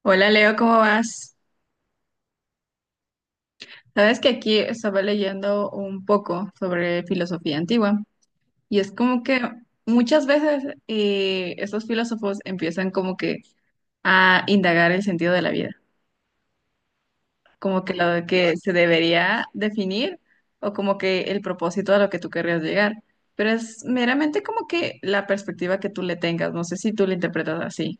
Hola Leo, ¿cómo vas? Sabes que aquí estaba leyendo un poco sobre filosofía antigua y es como que muchas veces estos filósofos empiezan como que a indagar el sentido de la vida, como que lo de que se debería definir o como que el propósito a lo que tú querrías llegar, pero es meramente como que la perspectiva que tú le tengas, no sé si tú lo interpretas así.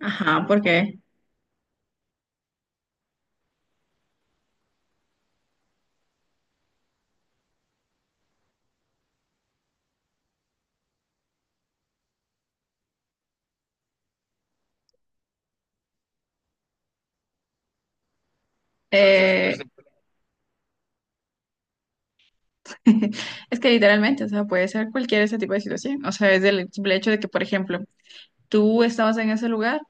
Ajá, ¿por qué? Eh, Es que literalmente, o sea, puede ser cualquier ese tipo de situación. O sea, es el simple hecho de que, por ejemplo, tú estabas en ese lugar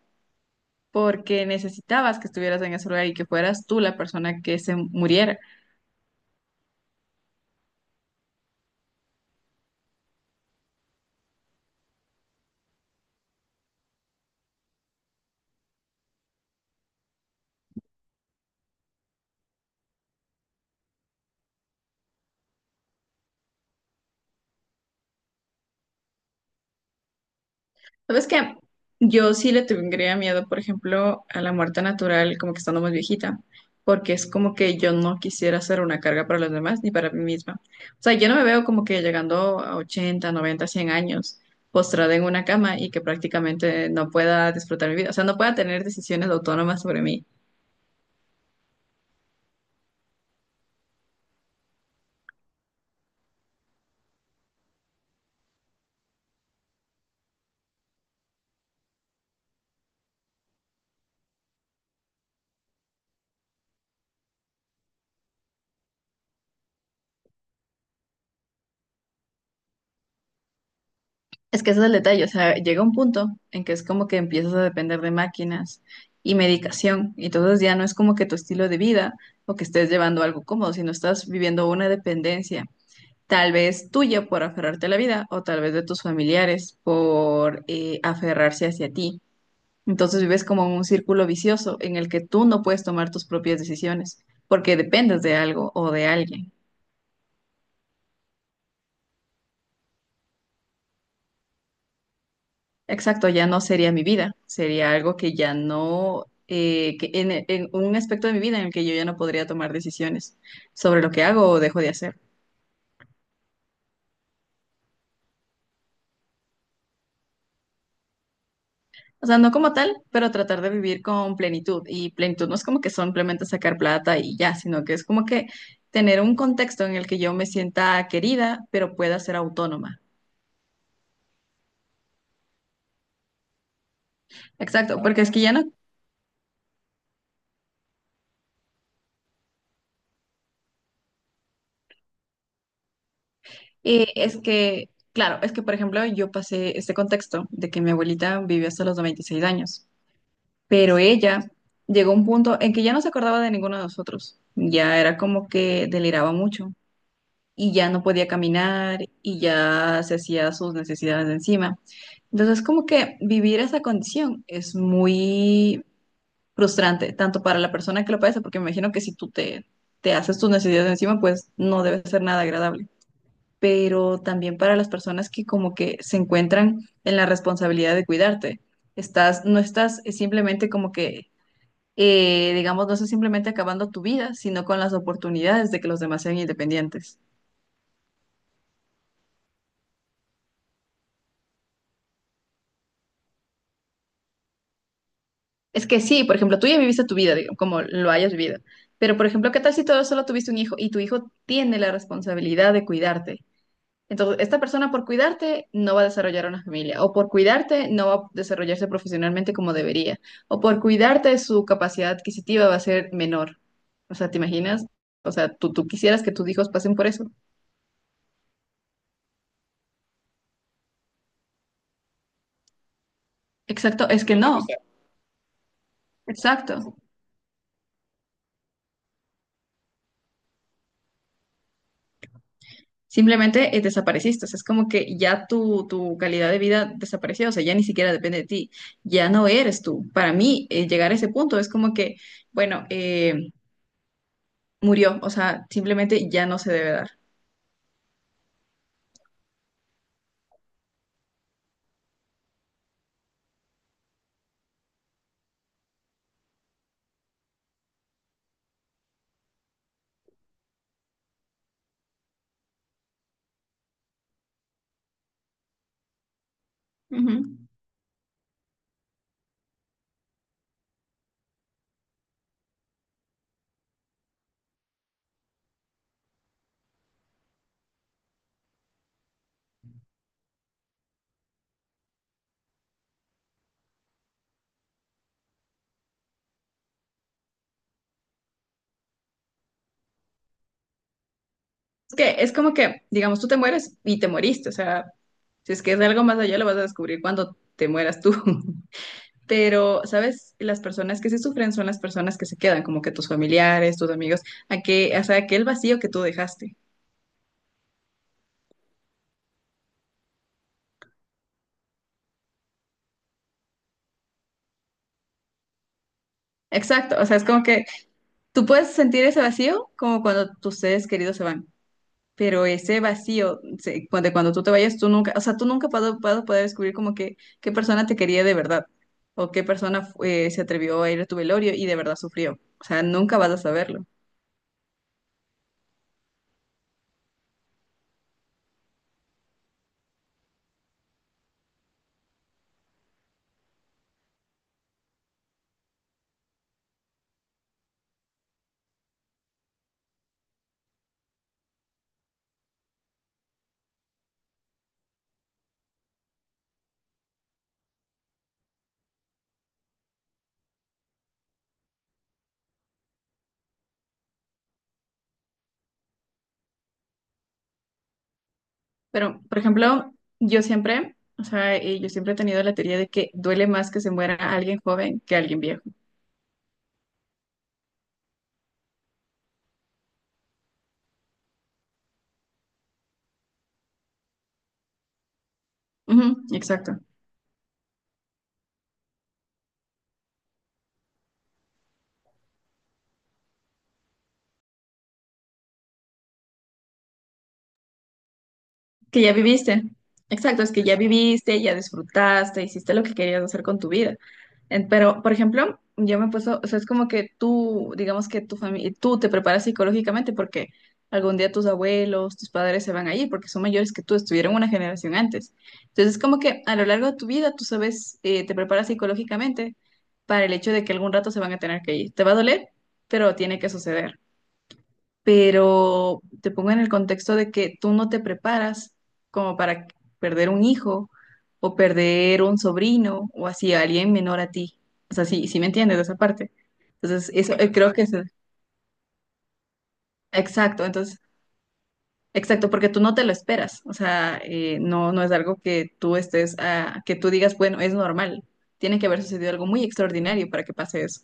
porque necesitabas que estuvieras en ese lugar y que fueras tú la persona que se muriera. ¿Sabes qué? Yo sí le tendría miedo, por ejemplo, a la muerte natural, como que estando más viejita, porque es como que yo no quisiera ser una carga para los demás ni para mí misma. O sea, yo no me veo como que llegando a 80, 90, 100 años, postrada en una cama y que prácticamente no pueda disfrutar mi vida. O sea, no pueda tener decisiones autónomas sobre mí. Es que ese es el detalle, o sea, llega un punto en que es como que empiezas a depender de máquinas y medicación, y entonces ya no es como que tu estilo de vida o que estés llevando algo cómodo, sino estás viviendo una dependencia, tal vez tuya por aferrarte a la vida o tal vez de tus familiares por aferrarse hacia ti. Entonces vives como en un círculo vicioso en el que tú no puedes tomar tus propias decisiones porque dependes de algo o de alguien. Exacto, ya no sería mi vida, sería algo que ya no, que en un aspecto de mi vida en el que yo ya no podría tomar decisiones sobre lo que hago o dejo de hacer. O sea, no como tal, pero tratar de vivir con plenitud. Y plenitud no es como que simplemente sacar plata y ya, sino que es como que tener un contexto en el que yo me sienta querida, pero pueda ser autónoma. Exacto, porque es que ya no, es que, claro, es que por ejemplo yo pasé este contexto de que mi abuelita vivió hasta los 96 años. Pero ella llegó a un punto en que ya no se acordaba de ninguno de nosotros. Ya era como que deliraba mucho y ya no podía caminar y ya se hacía sus necesidades de encima. Entonces, como que vivir esa condición es muy frustrante, tanto para la persona que lo padece, porque me imagino que si te haces tus necesidades de encima, pues no debe ser nada agradable. Pero también para las personas que como que se encuentran en la responsabilidad de cuidarte no estás simplemente como que digamos, no es simplemente acabando tu vida, sino con las oportunidades de que los demás sean independientes. Es que sí, por ejemplo, tú ya viviste tu vida, digo, como lo hayas vivido, pero por ejemplo, ¿qué tal si todo solo tuviste un hijo y tu hijo tiene la responsabilidad de cuidarte? Entonces, esta persona por cuidarte no va a desarrollar una familia, o por cuidarte no va a desarrollarse profesionalmente como debería, o por cuidarte su capacidad adquisitiva va a ser menor. O sea, ¿te imaginas? O sea, tú quisieras que tus hijos pasen por eso? Exacto, es que no, exacto. Simplemente desapareciste, o sea, es como que ya tu calidad de vida desapareció, o sea, ya ni siquiera depende de ti, ya no eres tú. Para mí, llegar a ese punto es como que, bueno, murió, o sea, simplemente ya no se debe dar. Ujú. Es que es como que, digamos, tú te mueres y te moriste, o sea, si es que es algo más allá, lo vas a descubrir cuando te mueras tú. Pero, ¿sabes? Las personas que sí sufren son las personas que se quedan, como que tus familiares, tus amigos, a que, o sea, aquel vacío que tú dejaste. Exacto, o sea, es como que tú puedes sentir ese vacío como cuando tus seres queridos se van, pero ese vacío, cuando, cuando tú te vayas, tú nunca, o sea, tú nunca vas a vas a poder descubrir como que qué persona te quería de verdad o qué persona se atrevió a ir a tu velorio y de verdad sufrió. O sea, nunca vas a saberlo. Pero, por ejemplo, yo siempre, o sea, yo siempre he tenido la teoría de que duele más que se muera alguien joven que alguien viejo. Ujú, exacto. Que ya viviste. Exacto, es que ya viviste, ya disfrutaste, hiciste lo que querías hacer con tu vida. Pero, por ejemplo, yo me he puesto, o sea, es como que tú, digamos que tu familia, tú te preparas psicológicamente porque algún día tus abuelos, tus padres se van a ir porque son mayores que tú, estuvieron una generación antes. Entonces, es como que a lo largo de tu vida tú sabes, te preparas psicológicamente para el hecho de que algún rato se van a tener que ir. Te va a doler, pero tiene que suceder, pero te pongo en el contexto de que tú no te preparas como para perder un hijo o perder un sobrino o así alguien menor a ti. O sea, sí, sí me entiendes de esa parte. Entonces, eso claro, creo claro que es exacto, entonces, exacto, porque tú no te lo esperas. O sea, no, no es algo que tú estés, ah, que tú digas, bueno, es normal. Tiene que haber sucedido algo muy extraordinario para que pase eso.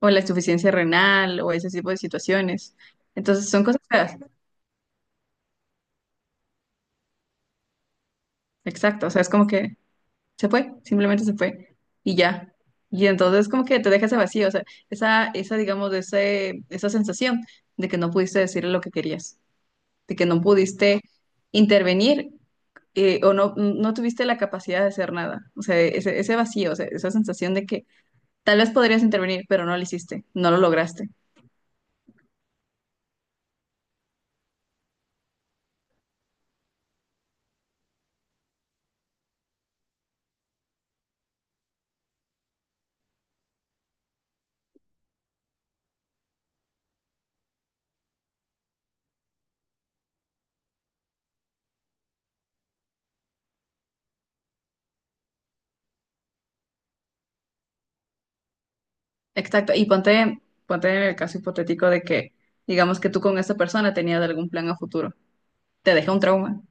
O la insuficiencia renal o ese tipo de situaciones. Entonces, son cosas feas. Exacto, o sea, es como que se fue, simplemente se fue y ya. Y entonces como que te deja ese vacío, o sea, digamos, esa sensación de que no pudiste decirle lo que querías, de que no pudiste intervenir, o no, no tuviste la capacidad de hacer nada. O sea, ese vacío, o sea, esa sensación de que tal vez podrías intervenir, pero no lo hiciste, no lo lograste. Exacto. Y ponte, ponte en el caso hipotético de que, digamos que tú con esa persona tenías algún plan a futuro. Te deja un trauma.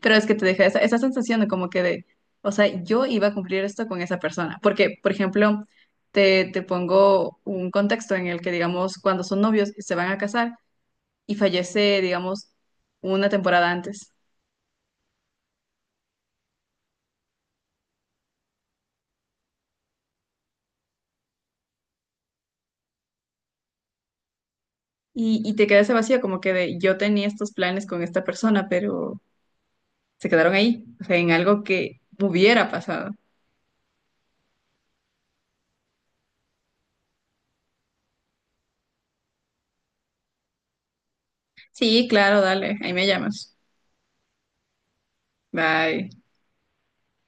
Pero es que te deja esa, esa sensación de como que de, o sea, yo iba a cumplir esto con esa persona. Porque, por ejemplo, te pongo un contexto en el que, digamos, cuando son novios y se van a casar y fallece, digamos, una temporada antes. Y te queda ese vacío como que de, yo tenía estos planes con esta persona, pero se quedaron ahí, o sea, en algo que hubiera pasado. Sí, claro, dale, ahí me llamas. Bye.